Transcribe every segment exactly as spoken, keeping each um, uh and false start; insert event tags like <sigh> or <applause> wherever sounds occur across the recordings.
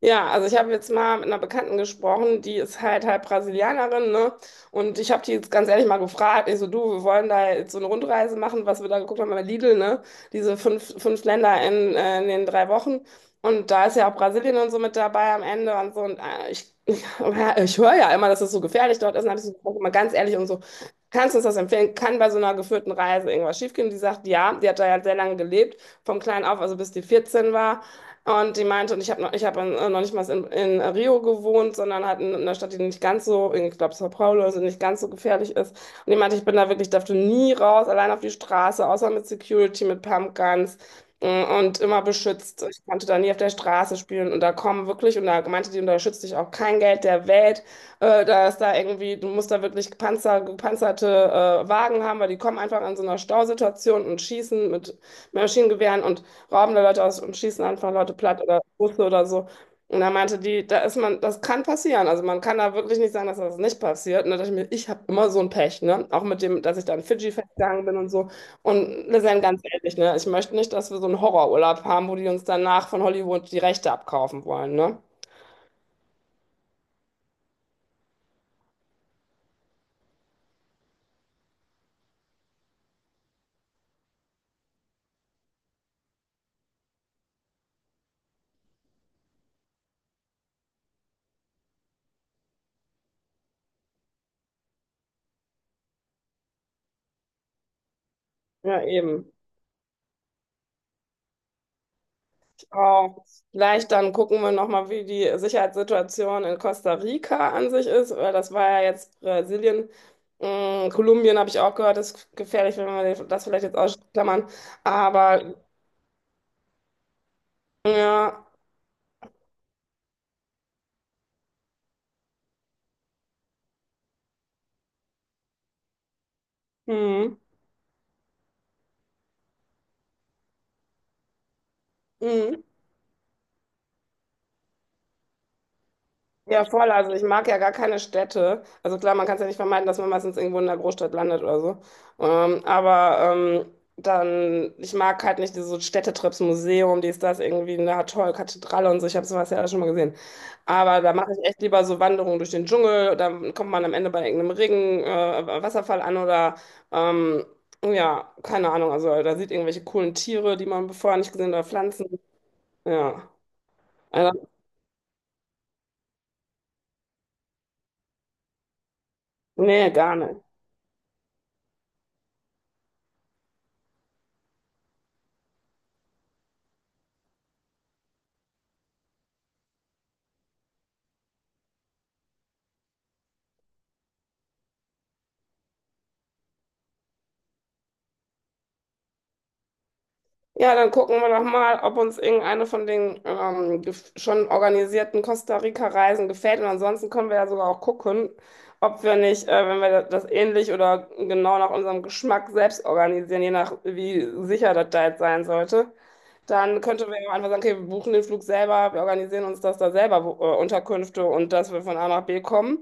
Ja, also ich habe jetzt mal mit einer Bekannten gesprochen, die ist halt halb Brasilianerin, ne? Und ich habe die jetzt ganz ehrlich mal gefragt, ich so, du, wir wollen da jetzt so eine Rundreise machen, was wir da geguckt haben bei Lidl, ne? Diese fünf, fünf Länder in, äh, in den drei Wochen. Und da ist ja auch Brasilien und so mit dabei am Ende und so. Und äh, ich, <laughs> ich ich höre ja immer, dass es so gefährlich dort ist. Und habe ich so gefragt, mal ganz ehrlich und so, kannst du uns das empfehlen? Kann bei so einer geführten Reise irgendwas schiefgehen? Die sagt, ja, die hat da ja sehr lange gelebt, vom Kleinen auf, also bis die vierzehn war. Und die meinte, und ich habe noch, ich habe äh, noch nicht mal in, in Rio gewohnt, sondern halt in einer Stadt, die nicht ganz so, ich glaube, Sao Paulo, also nicht ganz so gefährlich ist. Und die meinte, ich bin da wirklich, durfte nie raus, allein auf die Straße, außer mit Security, mit Pumpguns äh, und immer beschützt. Ich konnte da nie auf der Straße spielen und da kommen wirklich, und da meinte die, und da schützt dich auch kein Geld der Welt. Äh, da ist da irgendwie, du musst da wirklich gepanzer, gepanzerte äh, Wagen haben, weil die kommen einfach in so einer Stausituation und schießen mit Maschinengewehren und rauben da Leute aus und schießen einfach Leute platt oder Busse oder so. Und da meinte die, da ist man, das kann passieren. Also man kann da wirklich nicht sagen, dass das nicht passiert. Und da dachte ich mir, ich habe immer so ein Pech, ne? Auch mit dem, dass ich dann Fidschi festgegangen bin und so. Und wir sind ganz ehrlich, ne? Ich möchte nicht, dass wir so einen Horrorurlaub haben, wo die uns danach von Hollywood die Rechte abkaufen wollen, ne? Ja, eben. Genau. Vielleicht dann gucken wir nochmal, wie die Sicherheitssituation in Costa Rica an sich ist, weil das war ja jetzt Brasilien. Mm, Kolumbien habe ich auch gehört, ist gefährlich, wenn wir das vielleicht jetzt ausklammern. Aber ja, mhm. Ja, voll. Also ich mag ja gar keine Städte. Also klar, man kann es ja nicht vermeiden, dass man meistens irgendwo in der Großstadt landet oder so. Ähm, aber ähm, dann, Ich mag halt nicht diese Städtetrips, Museum, dies, das, irgendwie, na toll, Kathedrale und so. Ich habe sowas ja alles schon mal gesehen. Aber da mache ich echt lieber so Wanderungen durch den Dschungel. Dann kommt man am Ende bei irgendeinem Regen, äh, Wasserfall an oder ähm, ja, keine Ahnung. Also da sieht irgendwelche coolen Tiere, die man vorher nicht gesehen hat, oder Pflanzen. Ja. Also, nee, gar nicht. Ja, dann gucken wir doch mal, ob uns irgendeine von den ähm, gef- schon organisierten Costa Rica-Reisen gefällt. Und ansonsten können wir ja sogar auch gucken, ob wir nicht, äh, wenn wir das ähnlich oder genau nach unserem Geschmack selbst organisieren, je nach wie sicher das da jetzt sein sollte, dann könnten wir ja einfach sagen, okay, wir buchen den Flug selber, wir organisieren uns das da selber, wo, äh, Unterkünfte, und dass wir von A nach B kommen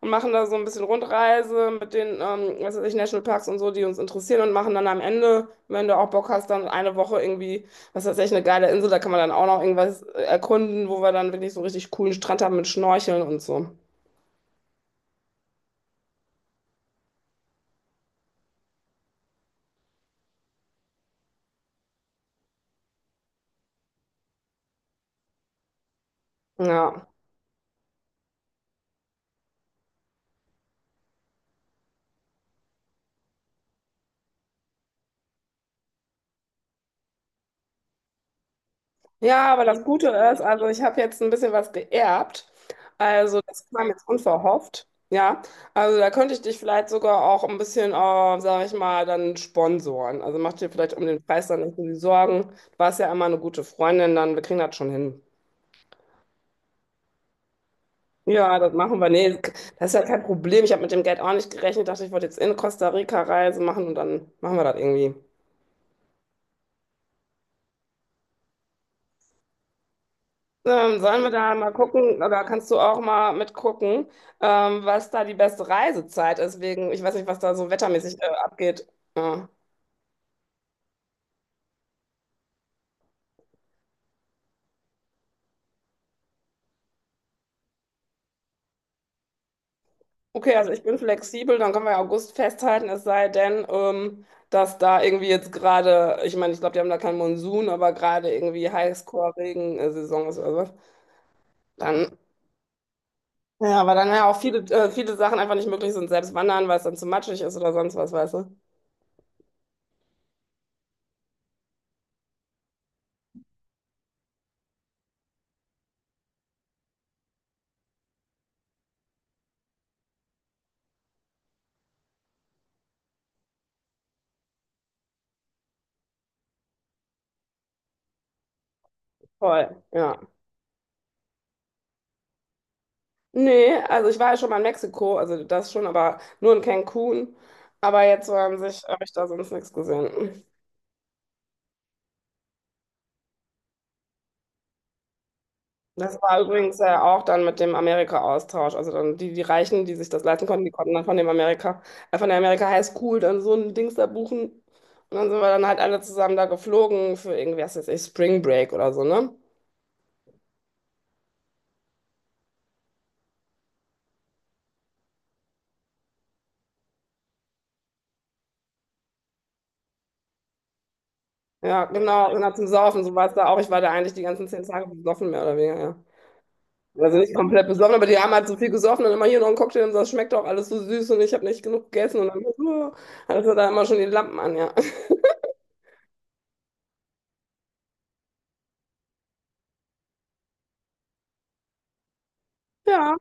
und machen da so ein bisschen Rundreise mit den, ähm, was weiß ich, Nationalparks und so, die uns interessieren, und machen dann am Ende, wenn du auch Bock hast, dann eine Woche irgendwie, was weiß ich, eine geile Insel, da kann man dann auch noch irgendwas erkunden, wo wir dann wirklich so einen richtig coolen Strand haben mit Schnorcheln und so. Ja. Ja, aber das Gute ist, also ich habe jetzt ein bisschen was geerbt. Also das kam jetzt unverhofft. Ja, also da könnte ich dich vielleicht sogar auch ein bisschen, äh, sage ich mal, dann sponsoren. Also mach dir vielleicht um den Preis dann nicht so die Sorgen. Du warst ja immer eine gute Freundin, dann wir kriegen das schon hin. Ja, das machen wir. Nee, das ist ja kein Problem. Ich habe mit dem Geld auch nicht gerechnet. Dachte, ich wollte jetzt in Costa Rica Reise machen und dann machen wir das irgendwie. Ähm, sollen wir da mal gucken, oder kannst du auch mal mitgucken, ähm, was da die beste Reisezeit ist, wegen, ich weiß nicht, was da so wettermäßig äh, abgeht. Ja. Okay, also ich bin flexibel, dann können wir ja August festhalten, es sei denn, ähm, dass da irgendwie jetzt gerade, ich meine, ich glaube, die haben da keinen Monsun, aber gerade irgendwie Highscore-Regensaison ist oder was. Dann, ja, weil dann ja auch viele, äh, viele Sachen einfach nicht möglich sind, selbst wandern, weil es dann zu matschig ist oder sonst was, weißt du? Voll, ja. Nee, also ich war ja schon mal in Mexiko, also das schon, aber nur in Cancun. Aber jetzt so an sich habe ich da sonst nichts gesehen. Das war übrigens ja auch dann mit dem Amerika-Austausch. Also dann die, die Reichen, die sich das leisten konnten, die konnten dann von dem Amerika, äh, von der Amerika High School dann so ein Dings da buchen. Und dann sind wir dann halt alle zusammen da geflogen für irgendwie, was weiß ich, Spring Break oder so, ne? Ja, genau, genau zum Saufen, so war es da auch. Ich war da eigentlich die ganzen zehn Tage besoffen, mehr oder weniger, ja. Also nicht komplett besoffen, aber die haben halt so viel gesoffen und immer hier noch einen Cocktail und so, das schmeckt auch alles so süß und ich habe nicht genug gegessen und dann uh, hatte da immer schon die Lampen an, ja. <laughs> Ja,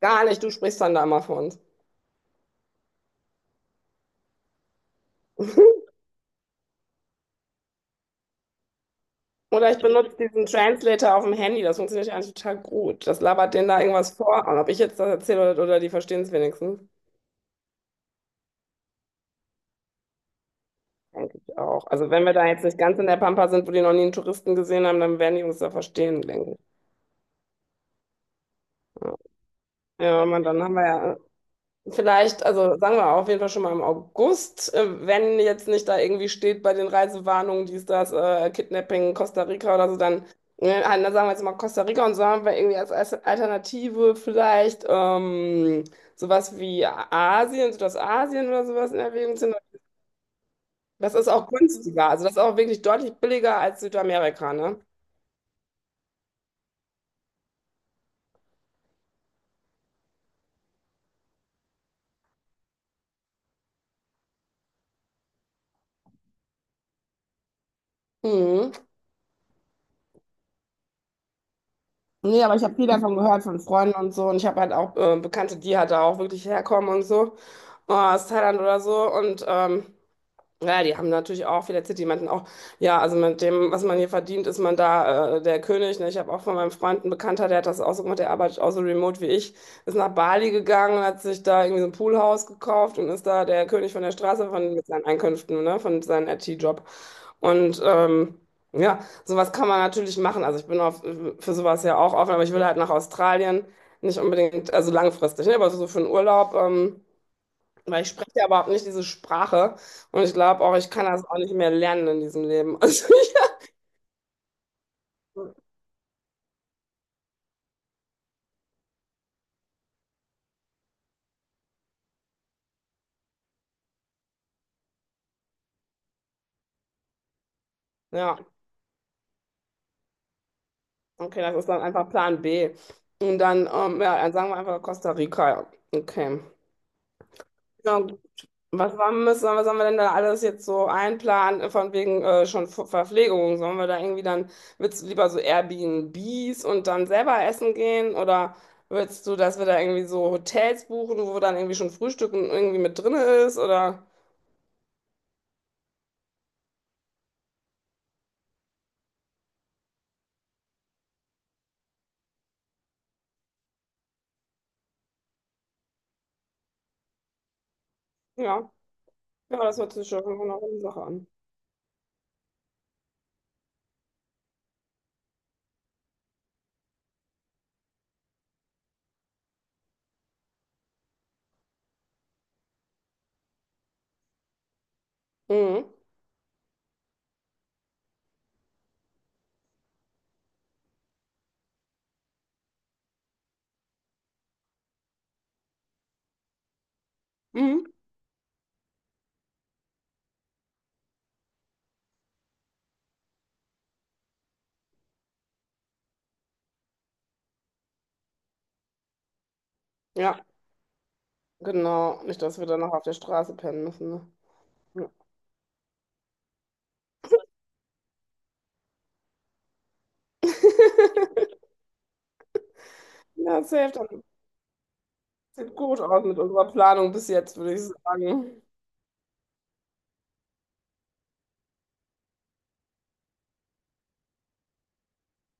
gar nicht, du sprichst dann da immer von uns. <laughs> Oder ich benutze diesen Translator auf dem Handy, das funktioniert ja eigentlich total gut. Das labert denen da irgendwas vor und ob ich jetzt das erzähle oder, oder die verstehen es wenigstens. Denke ich auch. Also wenn wir da jetzt nicht ganz in der Pampa sind, wo die noch nie einen Touristen gesehen haben, dann werden die uns da verstehen, denke ich. Ja, man, dann haben wir ja vielleicht, also sagen wir auf jeden Fall schon mal im August, äh, wenn jetzt nicht da irgendwie steht bei den Reisewarnungen, dies, das, äh, Kidnapping, Costa Rica oder so, dann, äh, dann sagen wir jetzt mal Costa Rica, und so haben wir irgendwie als As- Alternative vielleicht ähm, sowas wie Asien, Südostasien oder sowas in Erwägung ziehen. Das ist auch günstiger, also das ist auch wirklich deutlich billiger als Südamerika, ne? Mhm. Nee, aber ich habe viel davon gehört von Freunden und so. Und ich habe halt auch äh, Bekannte, die halt da auch wirklich herkommen und so. äh, Aus Thailand oder so. Und ähm, ja, die haben natürlich auch viele erzählt, die meinten auch, ja, also mit dem, was man hier verdient, ist man da äh, der König. Ne? Ich habe auch von meinem Freund einen Bekannter, der hat das auch so gemacht, der arbeitet auch so remote wie ich, ist nach Bali gegangen, hat sich da irgendwie so ein Poolhaus gekauft und ist da der König von der Straße von, mit seinen Einkünften, ne? Von seinem I T-Job. Und ähm, ja, sowas kann man natürlich machen. Also ich bin auf, für sowas ja auch offen, aber ich will halt nach Australien, nicht unbedingt, also langfristig, ne? Aber so für einen Urlaub. Ähm, weil ich spreche ja überhaupt nicht diese Sprache, und ich glaube auch, ich kann das auch nicht mehr lernen in diesem Leben. <laughs> Also, ja, okay, das ist dann einfach Plan be. Und dann, ähm, ja, dann sagen wir einfach Costa Rica. Ja. Okay. Ja, gut. Was, war, müssen, was haben wir denn da alles jetzt so einplanen, von wegen äh, schon Ver- Verpflegung? Sollen wir da irgendwie dann, willst du lieber so Airbnbs und dann selber essen gehen? Oder willst du, dass wir da irgendwie so Hotels buchen, wo dann irgendwie schon Frühstück und irgendwie mit drin ist? Oder, ja. Ja, das hört sich schon nach einer Sache an. Mhm. Mhm. Ja, genau. Nicht, dass wir dann noch auf der Straße pennen müssen. Ne? Ja. <laughs> Ja, safe. Dann sieht gut aus mit unserer Planung bis jetzt, würde ich sagen.